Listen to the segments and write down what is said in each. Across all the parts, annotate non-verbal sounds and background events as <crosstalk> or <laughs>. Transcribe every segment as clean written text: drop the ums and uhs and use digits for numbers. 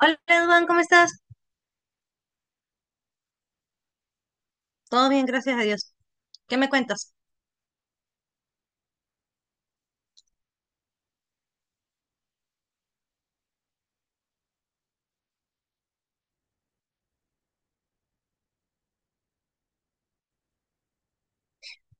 Hola, Edwin, ¿cómo estás? Todo bien, gracias a Dios. ¿Qué me cuentas?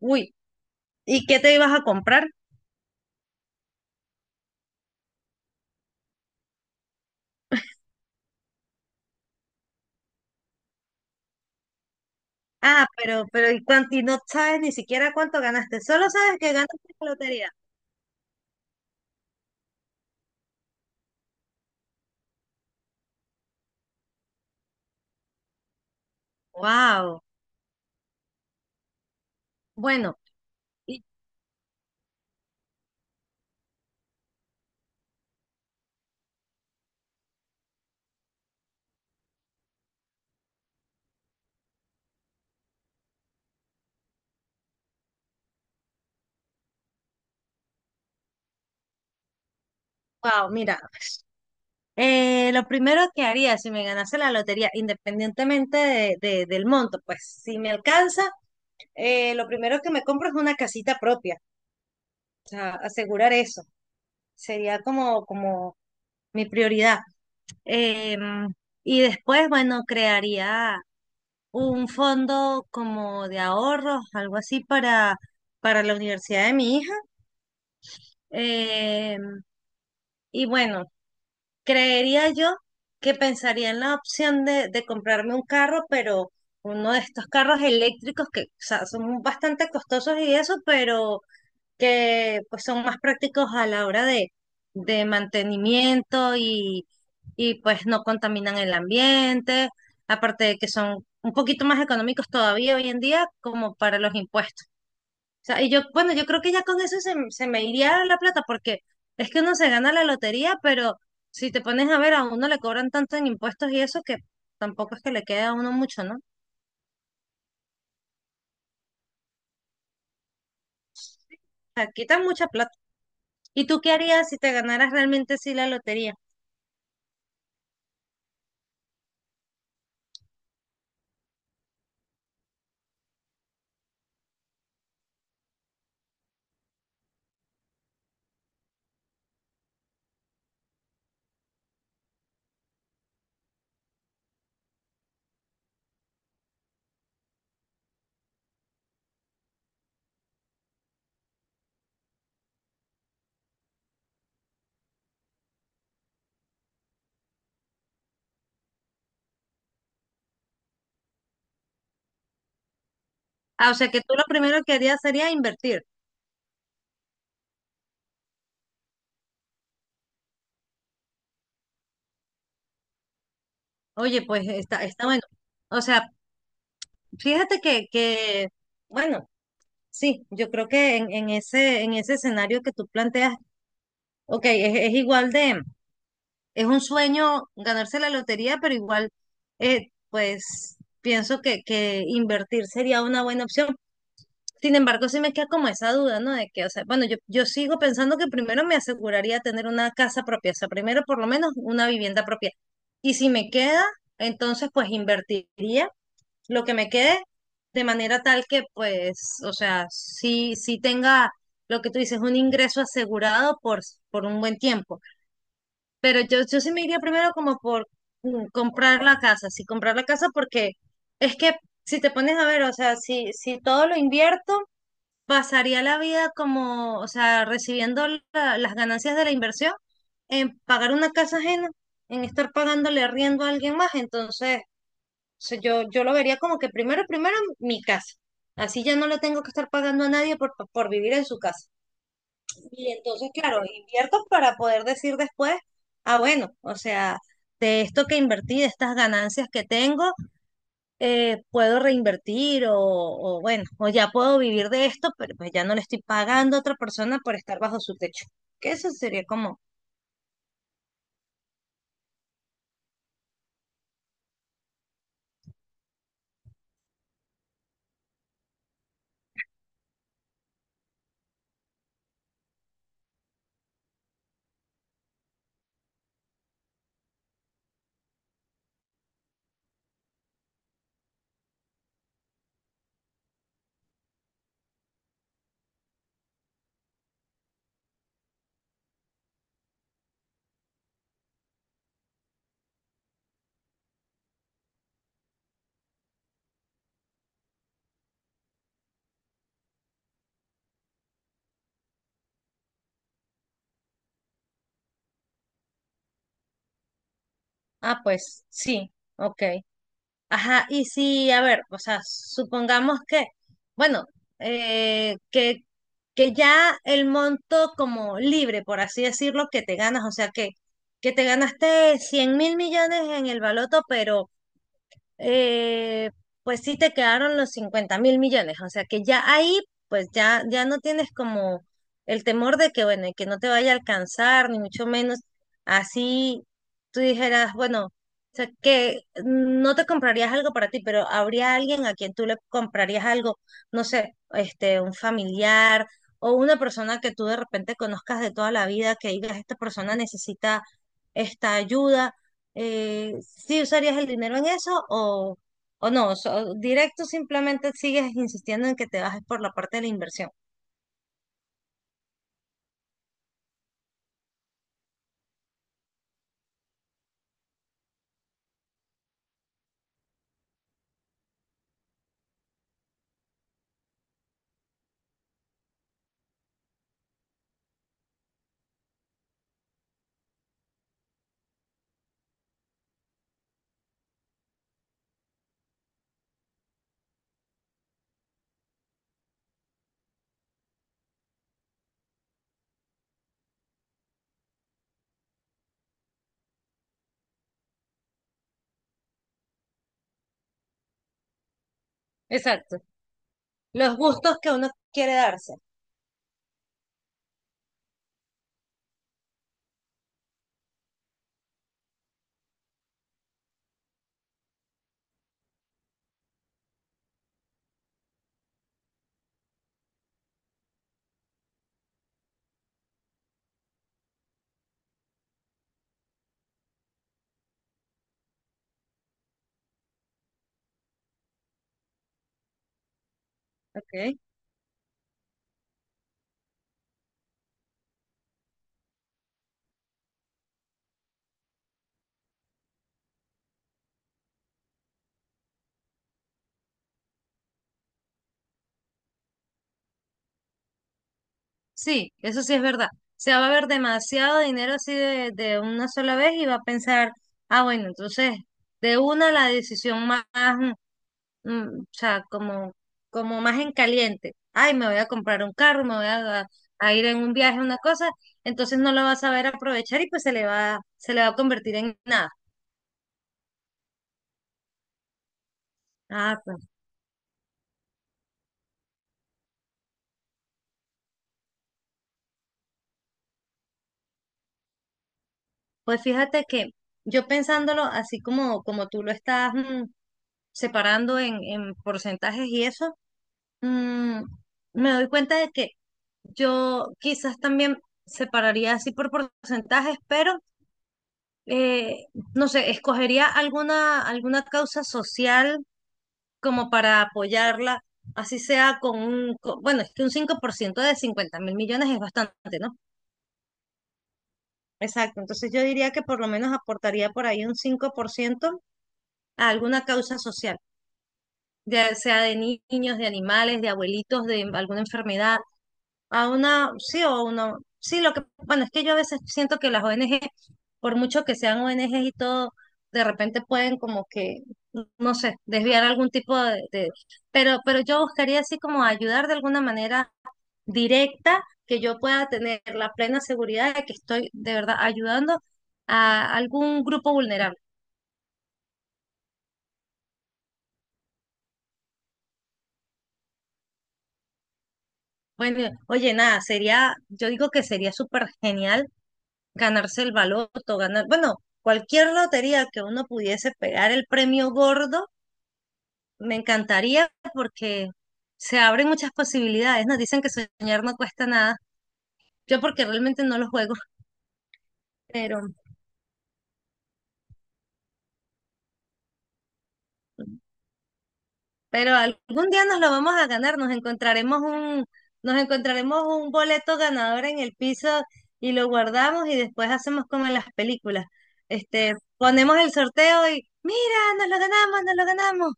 Uy, ¿y qué te ibas a comprar? Ah, pero, ¿y cuánto? Y no sabes ni siquiera cuánto ganaste, solo sabes que ganaste la lotería. Wow. Bueno, y wow, mira, lo primero que haría si me ganase la lotería, independientemente del monto, pues si me alcanza, lo primero que me compro es una casita propia, o sea, asegurar eso. Sería como, como mi prioridad. Em, y después, bueno, crearía un fondo como de ahorros, algo así para la universidad de mi hija. Em, y bueno, creería yo que pensaría en la opción de comprarme un carro, pero uno de estos carros eléctricos que, o sea, son bastante costosos y eso, pero que pues son más prácticos a la hora de mantenimiento y pues no contaminan el ambiente, aparte de que son un poquito más económicos todavía hoy en día como para los impuestos. O sea, y yo, bueno, yo creo que ya con eso se me iría la plata porque es que uno se gana la lotería, pero si te pones a ver, a uno le cobran tanto en impuestos y eso que tampoco es que le quede a uno mucho, ¿no? O sea, quitan mucha plata. ¿Y tú qué harías si te ganaras realmente sí la lotería? Ah, o sea que tú lo primero que harías sería invertir. Oye, pues está, está bueno. O sea, fíjate que, bueno, sí, yo creo que en ese escenario que tú planteas, ok, es igual de, es un sueño ganarse la lotería, pero igual, pues pienso que invertir sería una buena opción. Sin embargo, sí me queda como esa duda, ¿no? De que, o sea, bueno, yo sigo pensando que primero me aseguraría tener una casa propia, o sea, primero por lo menos una vivienda propia. Y si me queda, entonces pues invertiría lo que me quede de manera tal que pues, o sea, sí tenga lo que tú dices, un ingreso asegurado por un buen tiempo. Pero yo sí me iría primero como por mm, comprar la casa, sí, comprar la casa porque es que si te pones a ver, o sea, si, si todo lo invierto pasaría la vida como, o sea, recibiendo las ganancias de la inversión en pagar una casa ajena, en estar pagándole arriendo a alguien más. Entonces, o sea, yo lo vería como que primero, primero mi casa. Así ya no le tengo que estar pagando a nadie por vivir en su casa. Y entonces, claro, invierto para poder decir después, ah, bueno, o sea, de esto que invertí, de estas ganancias que tengo, puedo reinvertir o ya puedo vivir de esto, pero pues ya no le estoy pagando a otra persona por estar bajo su techo. Que eso sería como, ah, pues sí, ok. Ajá, y sí, a ver, o sea, supongamos que, bueno, eh, que, que ya el monto como libre, por así decirlo, que te ganas, o sea, que te ganaste 100.000 millones en el baloto, pero eh, pues sí te quedaron los 50.000 millones. O sea que ya ahí, pues ya, ya no tienes como el temor de que, bueno, y que no te vaya a alcanzar, ni mucho menos. Así tú dijeras, bueno, o sea, que no te comprarías algo para ti, pero habría alguien a quien tú le comprarías algo, no sé, este, un familiar o una persona que tú de repente conozcas de toda la vida, que digas, esta persona necesita esta ayuda, ¿sí usarías el dinero en eso o no? Directo simplemente sigues insistiendo en que te bajes por la parte de la inversión. Exacto. Los gustos que uno quiere darse. Ok. Sí, eso sí es verdad. Se va a ver demasiado dinero así de una sola vez y va a pensar, ah, bueno, entonces de una la decisión más, mm, o sea, como más en caliente. Ay, me voy a comprar un carro, me voy a ir en un viaje, una cosa. Entonces no lo va a saber aprovechar y pues se le va a convertir en nada. Ah, pues, pues fíjate que yo pensándolo así como, como tú lo estás mm, separando en porcentajes y eso, mm, me doy cuenta de que yo quizás también separaría así por porcentajes, pero eh, no sé, escogería alguna causa social como para apoyarla, así sea con un, bueno, es que un 5% de 50.000 millones es bastante, ¿no? Exacto, entonces yo diría que por lo menos aportaría por ahí un 5% a alguna causa social, ya sea de niños, de animales, de abuelitos, de alguna enfermedad a una, sí, o una, sí, lo que, bueno, es que yo a veces siento que las ONG, por mucho que sean ONGs y todo, de repente pueden como que, no sé, desviar algún tipo pero yo buscaría así como ayudar de alguna manera directa, que yo pueda tener la plena seguridad de que estoy de verdad ayudando a algún grupo vulnerable. Bueno, oye, nada, sería, yo digo que sería súper genial ganarse el baloto, ganar, bueno, cualquier lotería que uno pudiese pegar el premio gordo, me encantaría porque se abren muchas posibilidades. Nos dicen que soñar no cuesta nada. Yo porque realmente no lo juego, <laughs> pero, pero algún día nos lo vamos a ganar, nos encontraremos un boleto ganador en el piso y lo guardamos y después hacemos como en las películas. Este, ponemos el sorteo y mira, nos lo ganamos, nos lo ganamos.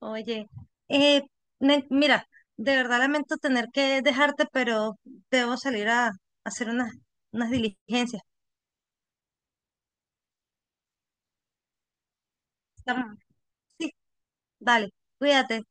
Oye, eh, mira, de verdad lamento tener que dejarte, pero debo salir a hacer unas, unas diligencias. Estamos- Sí, dale, cuídate.